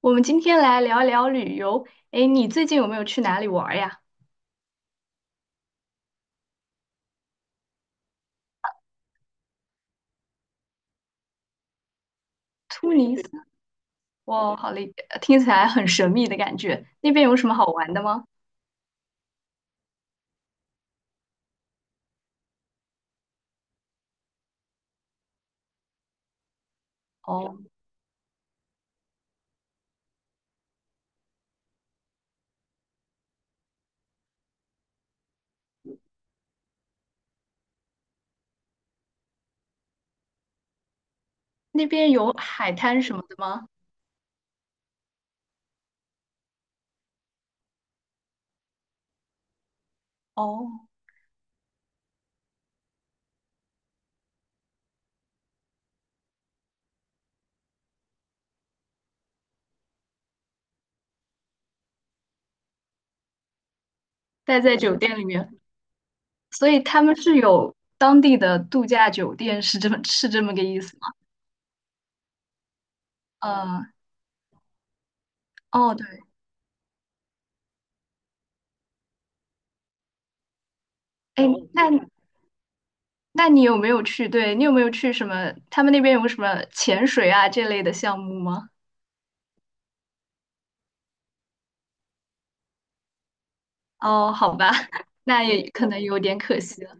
我们今天来聊聊旅游。诶，你最近有没有去哪里玩儿呀？突尼斯，哇，好嘞，听起来很神秘的感觉。那边有什么好玩的吗？哦，那边有海滩什么的吗？哦，待在酒店里面，所以他们是有当地的度假酒店，是这么个意思吗？嗯，哦，对，诶，那你那你有没有去？对，你有没有去什么？他们那边有什么潜水啊这类的项目吗？哦，好吧，那也可能有点可惜了。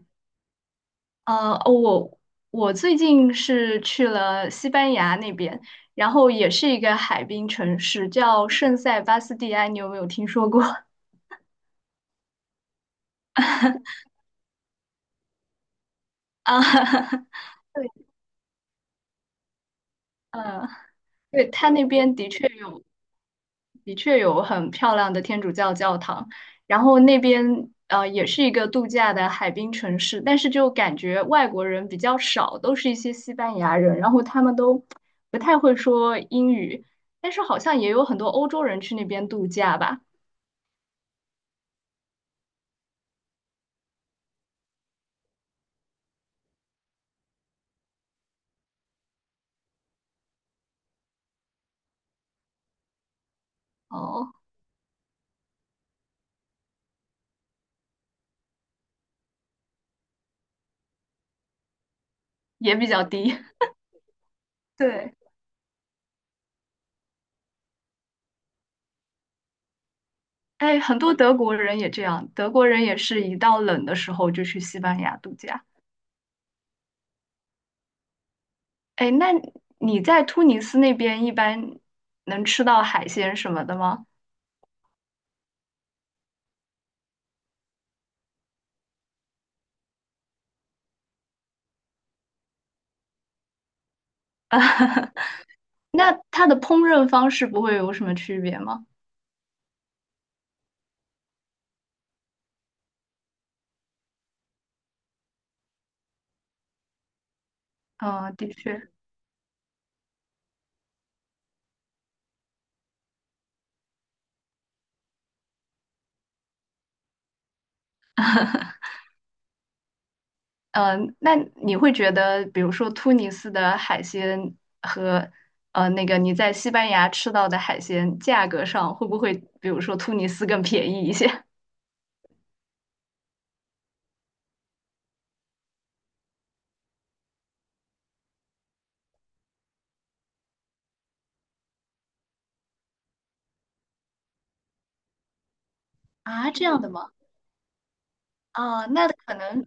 呃，我我最近是去了西班牙那边，然后也是一个海滨城市，叫圣塞巴斯蒂安，你有没有听说过？啊，对，嗯，对，它那边的确有，的确有很漂亮的天主教教堂，然后那边也是一个度假的海滨城市，但是就感觉外国人比较少，都是一些西班牙人，然后他们都不太会说英语，但是好像也有很多欧洲人去那边度假吧。哦，也比较低。对，哎，很多德国人也这样，德国人也是一到冷的时候就去西班牙度假。哎，那你在突尼斯那边一般能吃到海鲜什么的吗？那它的烹饪方式不会有什么区别吗？嗯，的确，嗯，那你会觉得，比如说突尼斯的海鲜和那个你在西班牙吃到的海鲜价格上，会不会比如说突尼斯更便宜一些？啊，这样的吗？啊，那可能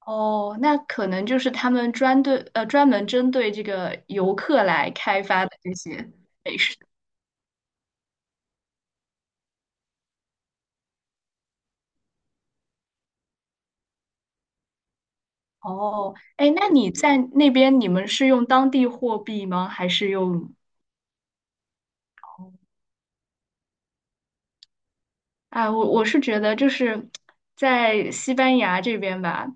哦，那可能就是他们专门针对这个游客来开发的这些美食。哦，哎，那你在那边你们是用当地货币吗？还是用？哦啊，我是觉得就是在西班牙这边吧，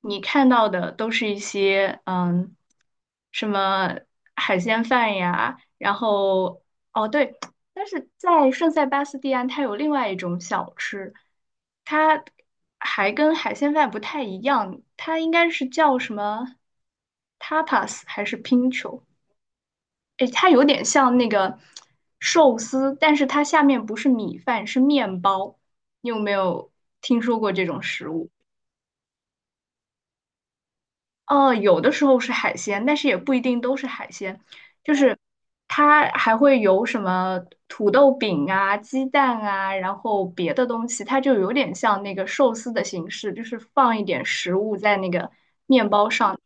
你看到的都是一些嗯，什么海鲜饭呀，然后哦对，但是在圣塞巴斯蒂安，它有另外一种小吃，它还跟海鲜饭不太一样，它应该是叫什么 tapas 还是 pincho?诶，它有点像那个寿司，但是它下面不是米饭，是面包。你有没有听说过这种食物？哦，有的时候是海鲜，但是也不一定都是海鲜，就是它还会有什么土豆饼啊、鸡蛋啊，然后别的东西，它就有点像那个寿司的形式，就是放一点食物在那个面包上。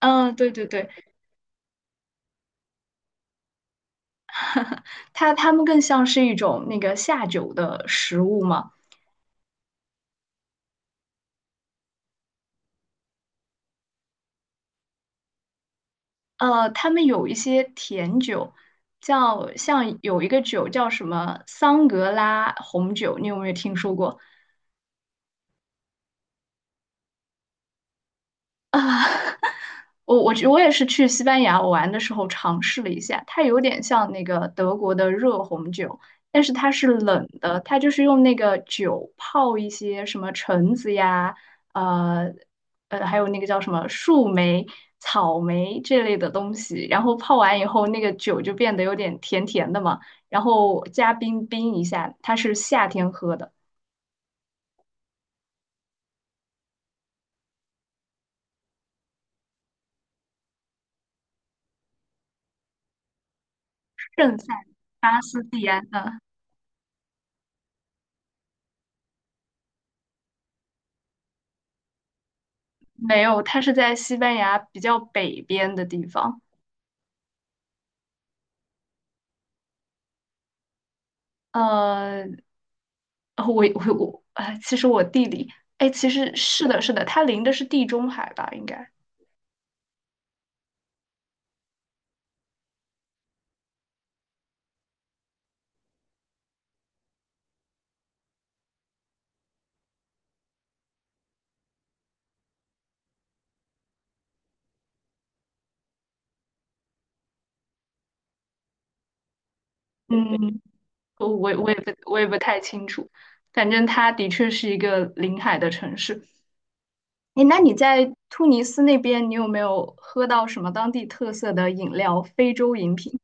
嗯，对对对，它们更像是一种那个下酒的食物嘛。呃，他们有一些甜酒，叫像有一个酒叫什么桑格拉红酒，你有没有听说过？啊，我也是去西班牙玩的时候尝试了一下，它有点像那个德国的热红酒，但是它是冷的，它就是用那个酒泡一些什么橙子呀，呃还有那个叫什么树莓、草莓这类的东西，然后泡完以后，那个酒就变得有点甜甜的嘛，然后加冰冰一下，它是夏天喝的，圣塞巴斯蒂安，嗯。没有，它是在西班牙比较北边的地方。呃，我我我，哎，其实我地理，哎，其实是的，是的，它临的是地中海吧，应该。嗯，我也不太清楚，反正它的确是一个临海的城市。哎，那你在突尼斯那边，你有没有喝到什么当地特色的饮料？非洲饮品？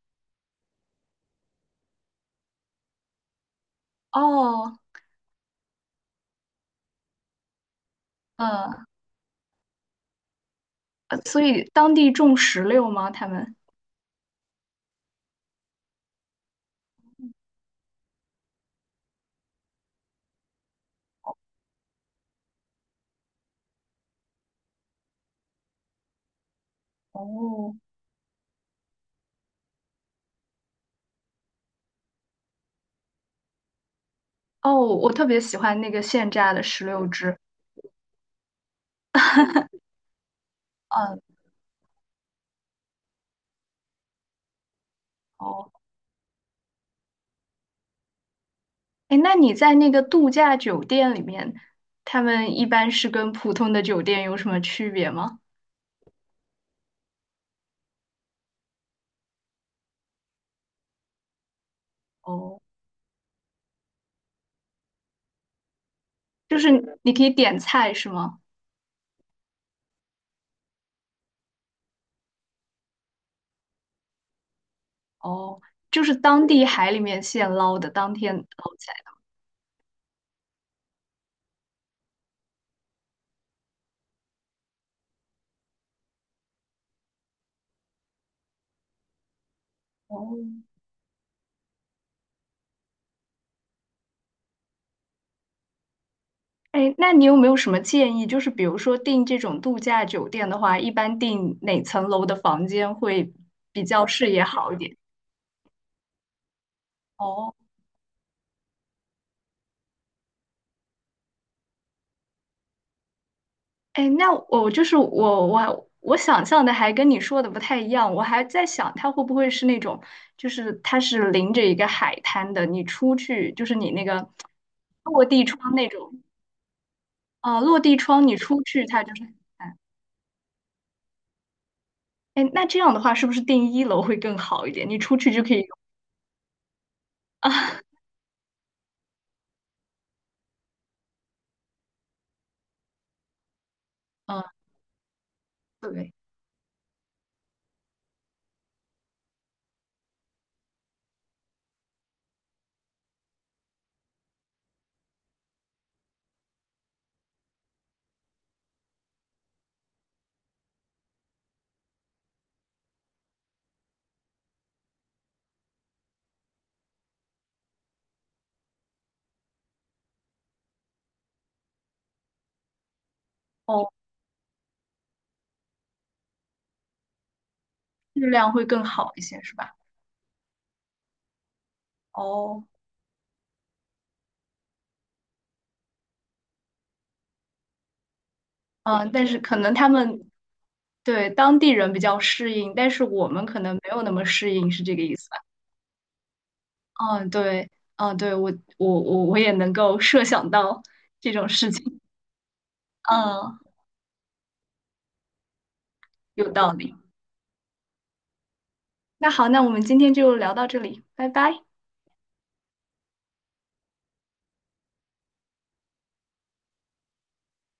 哦，嗯，所以当地种石榴吗？他们？哦，哦，我特别喜欢那个现榨的石榴汁。嗯，哦，哎，那你在那个度假酒店里面，他们一般是跟普通的酒店有什么区别吗？哦，就是你可以点菜是吗？哦，就是当地海里面现捞的，当天捞起来的哦，哎，那你有没有什么建议？就是比如说订这种度假酒店的话，一般订哪层楼的房间会比较视野好一点？哦。哎，那我就是我，我想象的还跟你说的不太一样，我还在想它会不会是那种，就是它是临着一个海滩的，你出去就是你那个落地窗那种，啊、落地窗你出去它就是海滩。哎，那这样的话是不是订一楼会更好一点？你出去就可以啊，嗯，对，哦，质量会更好一些是吧？哦，嗯，但是可能他们对当地人比较适应，但是我们可能没有那么适应，是这个意思。吧？嗯，对，嗯，对，我也能够设想到这种事情，嗯，有道理。那好，那我们今天就聊到这里，拜拜。